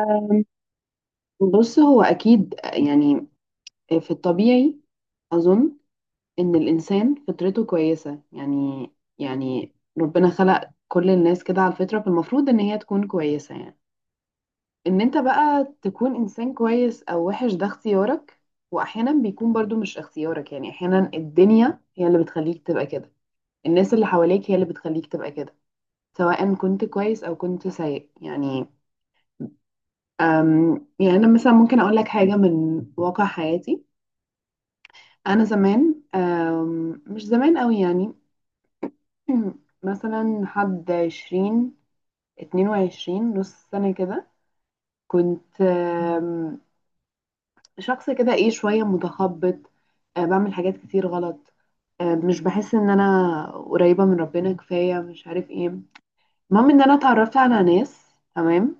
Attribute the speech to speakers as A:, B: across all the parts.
A: أم، بص، هو أكيد يعني في الطبيعي أظن إن الإنسان فطرته كويسة يعني. يعني ربنا خلق كل الناس كده على الفطرة، فالمفروض إن هي تكون كويسة يعني. إن أنت بقى تكون إنسان كويس أو وحش ده اختيارك. وأحيانا بيكون برضو مش اختيارك، يعني أحيانا الدنيا هي اللي بتخليك تبقى كده. الناس اللي حواليك هي اللي بتخليك تبقى كده، سواء كنت كويس أو كنت سيء يعني. يعني أنا مثلا ممكن أقول لك حاجة من واقع حياتي. انا زمان، مش زمان قوي يعني. مثلا حد 20، 22 نص سنة كده، كنت شخص كده ايه شوية متخبط. بعمل حاجات كتير غلط. مش بحس ان انا قريبة من ربنا كفاية، مش عارف ايه. المهم ان انا اتعرفت على ناس، تمام،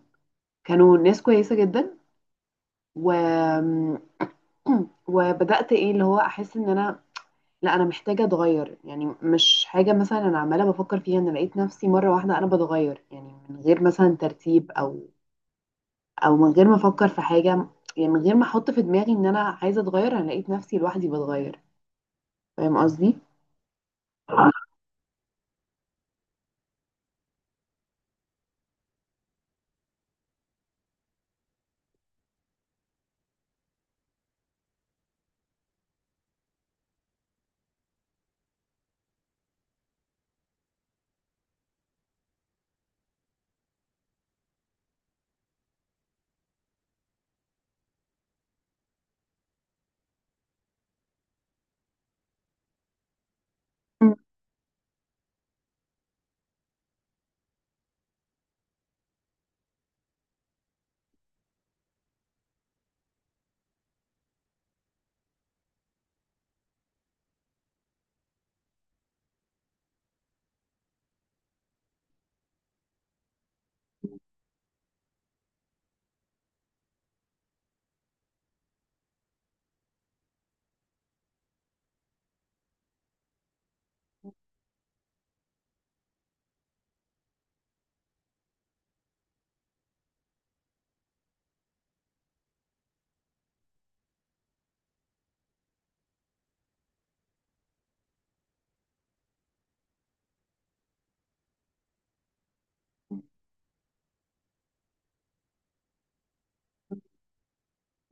A: كانوا ناس كويسة جدا. و وبدأت ايه اللي هو احس ان انا، لا انا محتاجه اتغير يعني. مش حاجه مثلا انا عماله بفكر فيها، انا لقيت نفسي مره واحده انا بتغير، يعني من غير مثلا ترتيب او من غير ما افكر في حاجه. يعني من غير ما احط في دماغي ان انا عايزه اتغير، انا لقيت نفسي لوحدي بتغير. فاهم قصدي؟ مم.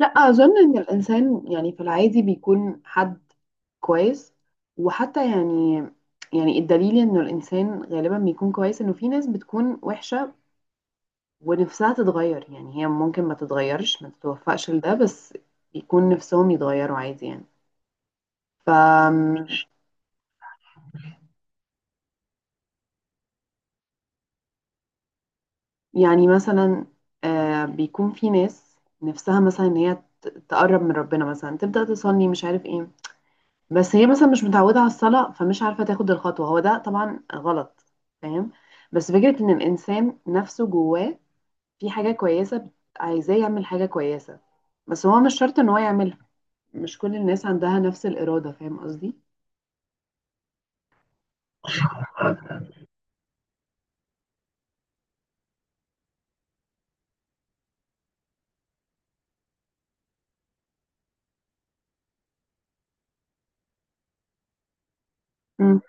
A: لا اظن ان الانسان يعني في العادي بيكون حد كويس. وحتى يعني، الدليل انه الانسان غالبا بيكون كويس، انه في ناس بتكون وحشه ونفسها تتغير، يعني هي ممكن ما تتغيرش، ما تتوفقش لده، بس يكون نفسهم يتغيروا عادي يعني. ف يعني مثلا، بيكون في ناس نفسها مثلا ان هي تقرب من ربنا، مثلا تبدأ تصلي، مش عارف ايه. بس هي مثلا مش متعودة على الصلاة، فمش عارفة تاخد الخطوة، هو ده طبعا غلط، فاهم. بس فكرة ان الانسان نفسه جواه في حاجة كويسة عايزاه يعمل حاجة كويسة، بس هو مش شرط ان هو يعملها. مش كل الناس عندها نفس الإرادة، فاهم قصدي؟ مم.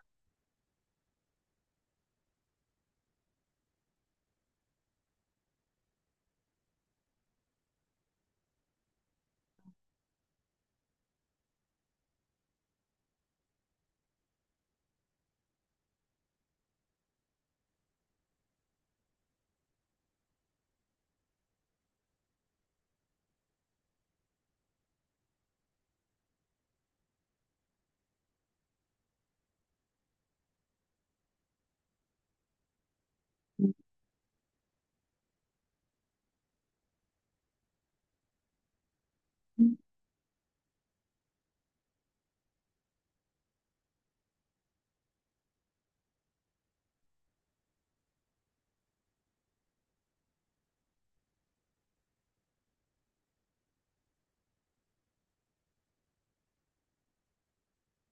A: مم.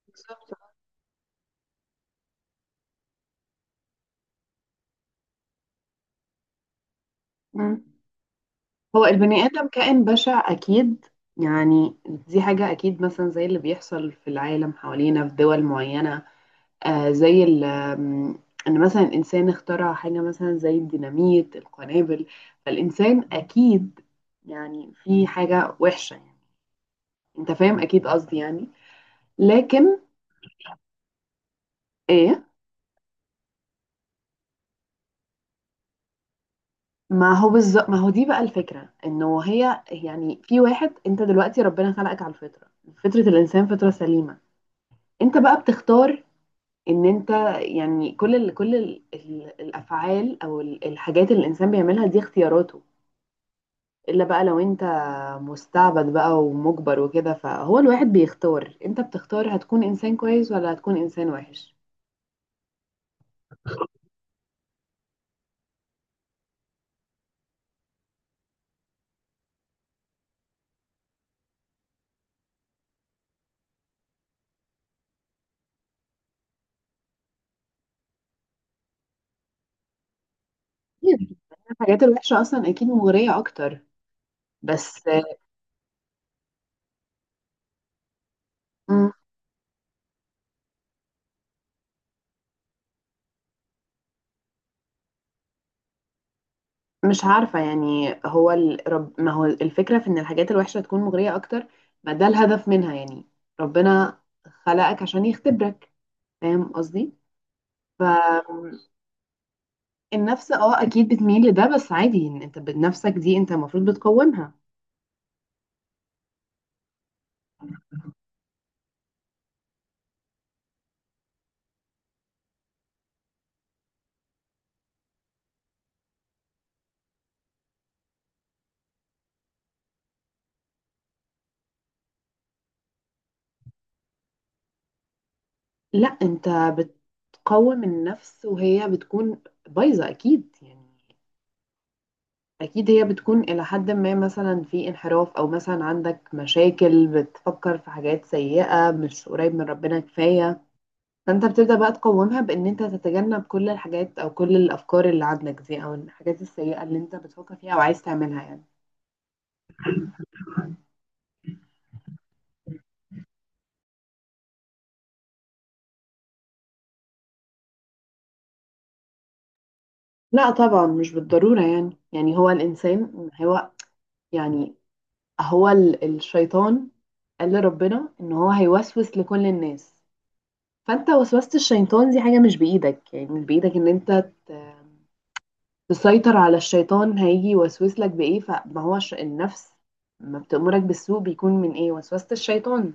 A: بالظبط. مم. هو البني آدم كائن بشع أكيد. يعني دي حاجة أكيد، مثلا زي اللي بيحصل في العالم حوالينا في دول معينة. زي ال- آم، إن مثلا الإنسان اخترع حاجة مثلا زي الديناميت، القنابل. فالإنسان أكيد يعني في حاجة وحشة يعني، أنت فاهم أكيد قصدي يعني، لكن إيه. ما هو بالظبط، ما هو دي بقى الفكرة، انه هي يعني في واحد. انت دلوقتي ربنا خلقك على الفطرة، فطرة الانسان فطرة سليمة. انت بقى بتختار ان انت، يعني كل ال الافعال او الحاجات اللي الانسان بيعملها دي اختياراته. الا بقى لو انت مستعبد بقى ومجبر وكده، فهو الواحد بيختار، انت بتختار هتكون انسان كويس ولا هتكون انسان وحش. أكيد الحاجات الوحشة اصلا اكيد مغرية اكتر، بس. مش عارفة يعني، هو ما هو الفكرة في إن الحاجات الوحشة تكون مغرية أكتر، ما ده الهدف منها يعني. ربنا خلقك عشان يختبرك، فاهم قصدي؟ فالنفس اه أكيد بتميل لده، بس عادي إن أنت بنفسك دي، أنت المفروض بتقومها. لا أنت بتقوم النفس وهي بتكون بايظة أكيد يعني. أكيد هي بتكون إلى حد ما مثلا في انحراف، أو مثلا عندك مشاكل، بتفكر في حاجات سيئة، مش قريب من ربنا كفاية. فانت بتبدأ بقى تقومها بان انت تتجنب كل الحاجات او كل الافكار اللي عندك دي، او الحاجات السيئة اللي انت بتفكر فيها او عايز تعملها يعني. لا طبعا مش بالضرورة يعني. هو الانسان، هو يعني هو ال- الشيطان قال لربنا ان هو هيوسوس لكل الناس. فانت وسوسة الشيطان دي حاجة مش بايدك، يعني مش بايدك ان انت تسيطر على الشيطان. هيجي يوسوس لك بايه، فما هو النفس ما بتأمرك بالسوء بيكون من ايه، وسوسة الشيطان.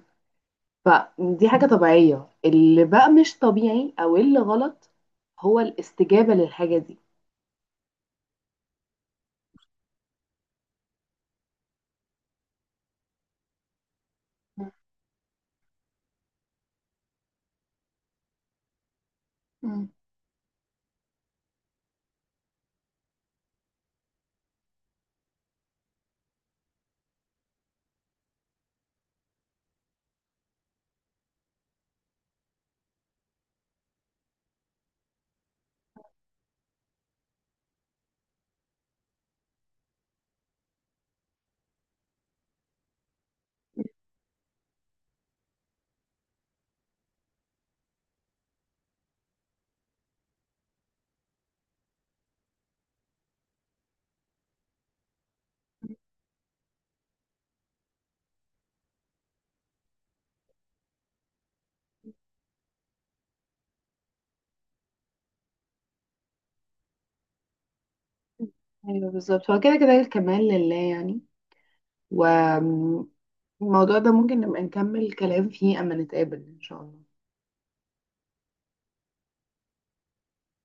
A: فدي حاجة طبيعية، اللي بقى مش طبيعي او اللي غلط هو الاستجابة للحاجة دي. مم. ايوه بالظبط، هو كده كده الكمال لله يعني. والموضوع ده ممكن نبقى نكمل كلام فيه اما نتقابل ان شاء الله.